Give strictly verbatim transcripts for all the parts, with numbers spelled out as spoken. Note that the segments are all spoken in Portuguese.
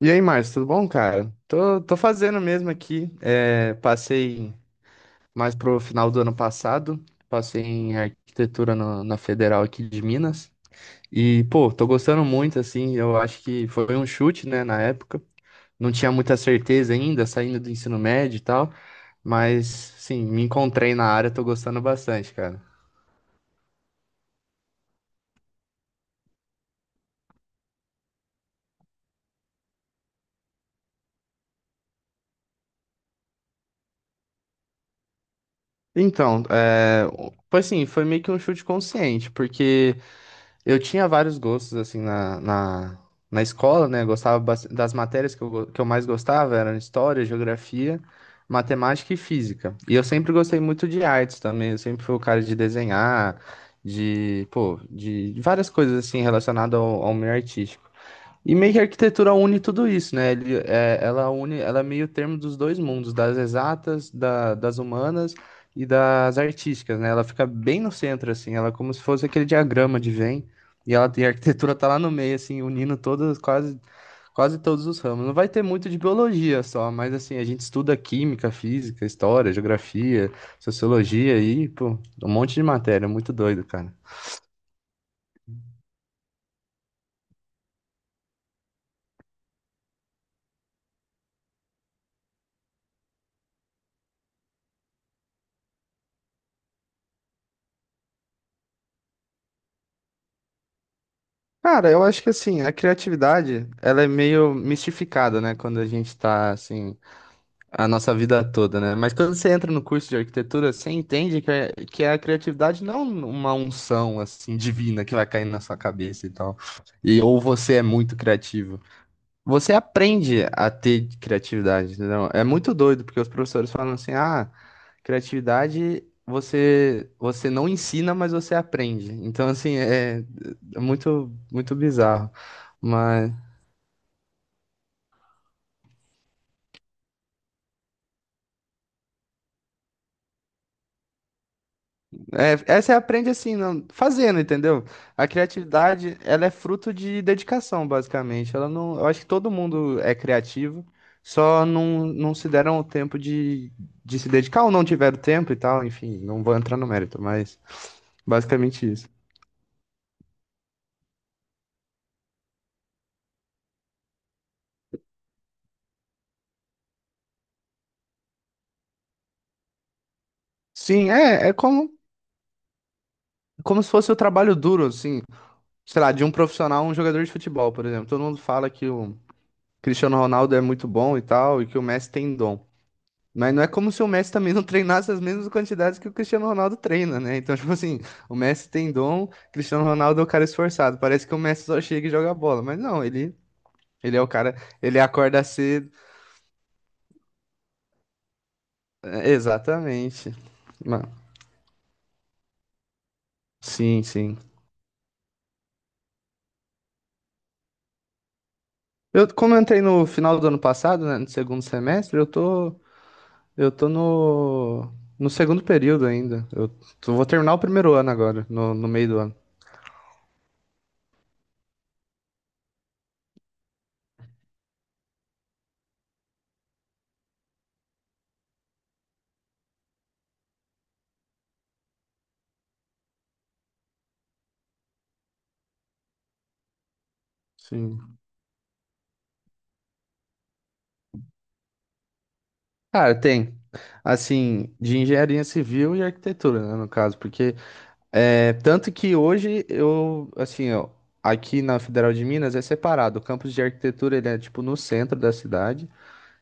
E aí, Márcio, tudo bom, cara? Tô, tô fazendo mesmo aqui. É, passei mais pro final do ano passado, passei em arquitetura na na Federal aqui de Minas. E, pô, tô gostando muito, assim, eu acho que foi um chute, né, na época. Não tinha muita certeza ainda, saindo do ensino médio e tal, mas, sim, me encontrei na área, tô gostando bastante, cara. Então, é, foi assim, foi meio que um chute consciente, porque eu tinha vários gostos, assim, na, na, na escola, né? Eu gostava bas- das matérias que eu, go- que eu mais gostava, eram história, geografia, matemática e física. E eu sempre gostei muito de artes também, eu sempre fui o cara de desenhar, de, pô, de várias coisas, assim, relacionadas ao, ao meio artístico. E meio que a arquitetura une tudo isso, né? Ele, é, ela une, ela é meio termo dos dois mundos, das exatas, da- das humanas e das artísticas, né? Ela fica bem no centro, assim, ela é como se fosse aquele diagrama de Venn, e ela e a arquitetura tá lá no meio, assim, unindo todas, quase, quase todos os ramos. Não vai ter muito de biologia só, mas assim, a gente estuda química, física, história, geografia, sociologia e, pô, um monte de matéria, muito doido, cara. Cara, eu acho que assim, a criatividade, ela é meio mistificada, né? Quando a gente tá, assim, a nossa vida toda, né? Mas quando você entra no curso de arquitetura, você entende que, é- que é a criatividade não é uma unção, assim, divina que vai cair na sua cabeça e tal. E ou você é muito criativo. Você aprende a ter criatividade, entendeu? É muito doido, porque os professores falam assim, ah, criatividade você você não ensina, mas você aprende. Então, assim, é, é muito, muito bizarro. É, é, você aprende assim, não, fazendo, entendeu? A criatividade, ela é fruto de dedicação, basicamente. Ela não, eu acho que todo mundo é criativo, só não, não se deram o tempo de, de se dedicar ou não tiveram tempo e tal, enfim, não vou entrar no mérito, mas basicamente isso. Sim, é, é como, como se fosse o trabalho duro, assim, sei lá, de um profissional, um jogador de futebol, por exemplo. Todo mundo fala que o Cristiano Ronaldo é muito bom e tal, e que o Messi tem dom. Mas não é como se o Messi também não treinasse as mesmas quantidades que o Cristiano Ronaldo treina, né? Então, tipo assim, o Messi tem dom, o Cristiano Ronaldo é o cara esforçado. Parece que o Messi só chega e joga bola, mas não, ele, ele é o cara, ele acorda cedo. É, exatamente. Ma- Sim, sim. Eu, como eu entrei no final do ano passado, né, no segundo semestre, eu tô, eu tô no, no segundo período ainda. Eu tô- vou terminar o primeiro ano agora, no, no meio do ano. Sim. Cara, tem. Assim, de engenharia civil e arquitetura, né, no caso, porque é, tanto que hoje eu, assim, ó, aqui na Federal de Minas é separado. O campus de arquitetura, ele é tipo no centro da cidade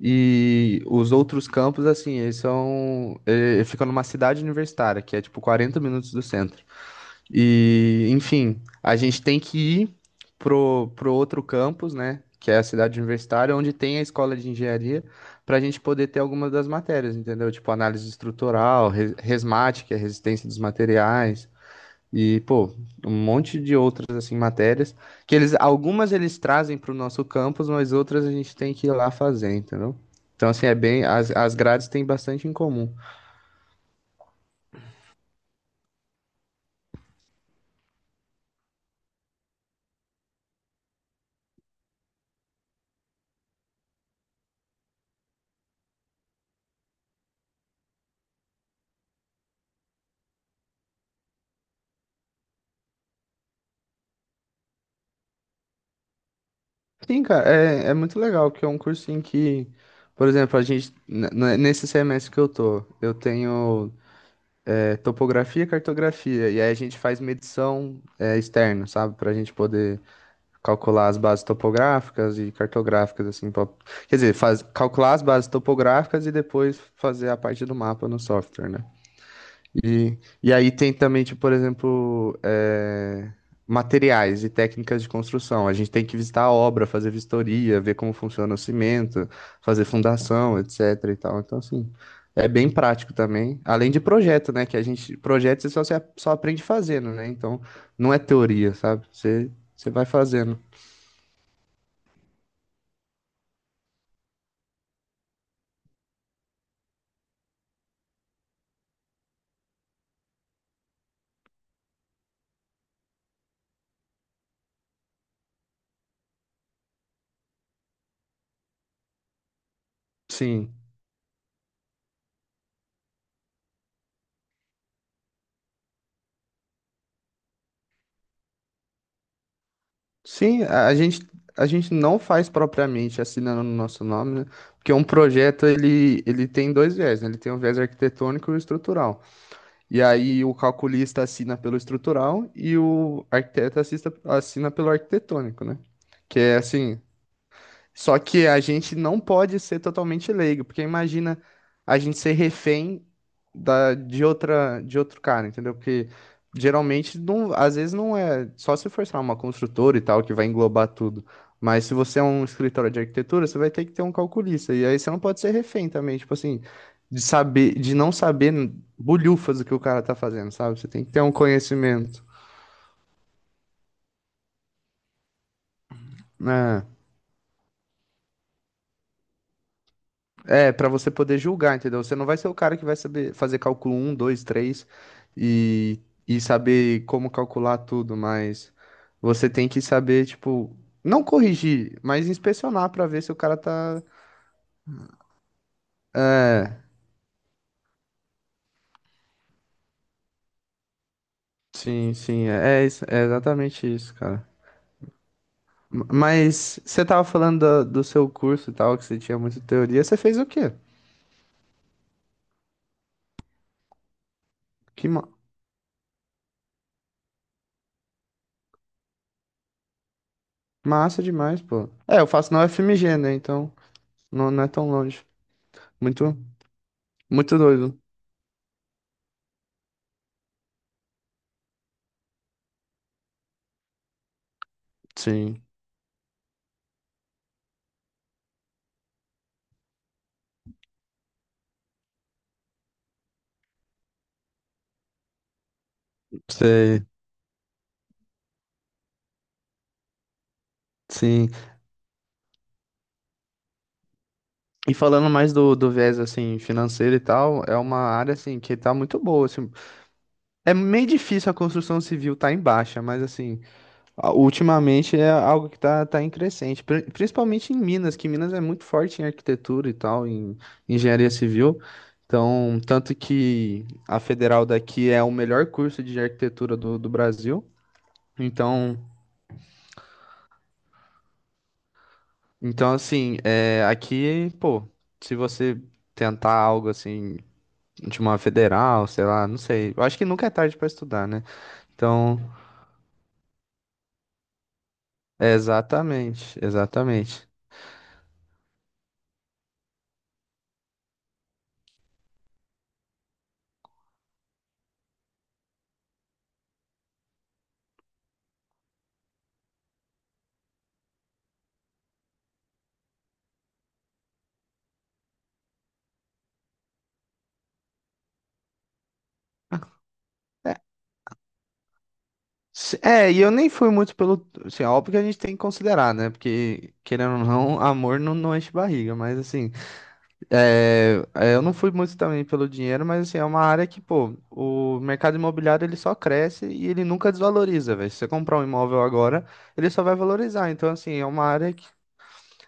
e os outros campos, assim, eles são, ele fica numa cidade universitária, que é tipo quarenta minutos do centro. E, enfim, a gente tem que ir pro, pro outro campus, né? Que é a cidade universitária, onde tem a escola de engenharia, para a gente poder ter algumas das matérias, entendeu? Tipo análise estrutural, re- resmate, que é resistência dos materiais, e, pô, um monte de outras, assim, matérias, que eles, algumas eles trazem para o nosso campus, mas outras a gente tem que ir lá fazer, entendeu? Então, assim, é bem, as, as grades têm bastante em comum. Sim, cara, é, é muito legal, porque é um curso em que, por exemplo, a gente, n- n- nesse semestre que eu tô, eu tenho é, topografia e cartografia, e aí a gente faz medição é, externa, sabe? Pra gente poder calcular as bases topográficas e cartográficas, assim, pra- quer dizer, faz, calcular as bases topográficas e depois fazer a parte do mapa no software, né? E, e aí tem também, tipo, por exemplo, eh, materiais e técnicas de construção. A gente tem que visitar a obra, fazer vistoria, ver como funciona o cimento, fazer fundação, etcétera e tal. Então, assim, é bem prático também. Além de projeto, né? Que a gente, projeto você só, se a- só aprende fazendo, né? Então, não é teoria, sabe? Você, você vai fazendo. Sim. Sim, a a gente, a gente não faz propriamente assinando no nosso nome, né? Porque um projeto ele, ele tem dois viés, né? Ele tem o viés arquitetônico e o estrutural. E aí o calculista assina pelo estrutural e o arquiteto assista, assina pelo arquitetônico, né? Que é assim, só que a gente não pode ser totalmente leigo, porque imagina a gente ser refém da, de outra, de outro cara, entendeu? Porque geralmente, não, às vezes não é só se for, sei lá, uma construtora e tal, que vai englobar tudo. Mas se você é um escritório de arquitetura, você vai ter que ter um calculista. E aí você não pode ser refém também, tipo assim, de saber, de não saber bulhufas do que o cara tá fazendo, sabe? Você tem que ter um conhecimento, né? É, pra você poder julgar, entendeu? Você não vai ser o cara que vai saber fazer cálculo um, dois, três e, e saber como calcular tudo, mas você tem que saber, tipo, não corrigir, mas inspecionar pra ver se o cara tá. É, sim, sim, é, é isso- é exatamente isso, cara. M- Mas você tava falando da- do, seu curso e tal, que você tinha muita teoria, você fez o quê? Que ma- Massa demais, pô. É, eu faço na U F M G, né? Então não, não é tão longe. Muito, muito doido. Sim. Sei, sim. E falando mais do, do viés assim financeiro e tal, é uma área assim que tá muito boa, assim. É meio difícil a construção civil tá em baixa, mas assim, a- ultimamente é algo que tá, tá em crescente, pri- principalmente em Minas, que Minas é muito forte em arquitetura e tal, em engenharia civil. Então, tanto que a federal daqui é o melhor curso de arquitetura do, do Brasil. Então, então assim, é, aqui, pô, se você tentar algo assim de uma federal, sei lá, não sei. Eu acho que nunca é tarde pra estudar, né? Então, é exatamente, exatamente. É, se- é, e eu nem fui muito pelo. Assim, é óbvio que a gente tem que considerar, né? Porque, querendo ou não, amor não, não enche barriga, mas assim. É, é, eu não fui muito também pelo dinheiro, mas assim, é uma área que, pô, o mercado imobiliário ele só cresce e ele nunca desvaloriza, velho. Se você comprar um imóvel agora, ele só vai valorizar. Então, assim, é uma área que,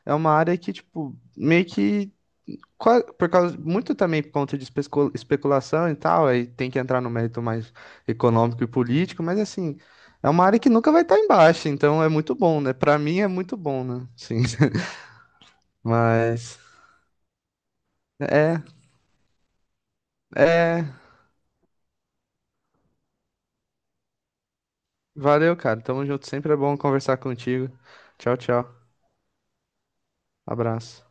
é uma área que, tipo, meio que qua- por causa, muito também por conta de espesco- especulação e tal, aí tem que entrar no mérito mais econômico e político, mas assim, é uma área que nunca vai estar em baixa, então é muito bom, né? Pra mim é muito bom, né? Sim. Mas é, é. Valeu, cara. Tamo junto. Sempre é bom conversar contigo. Tchau, tchau. Abraço.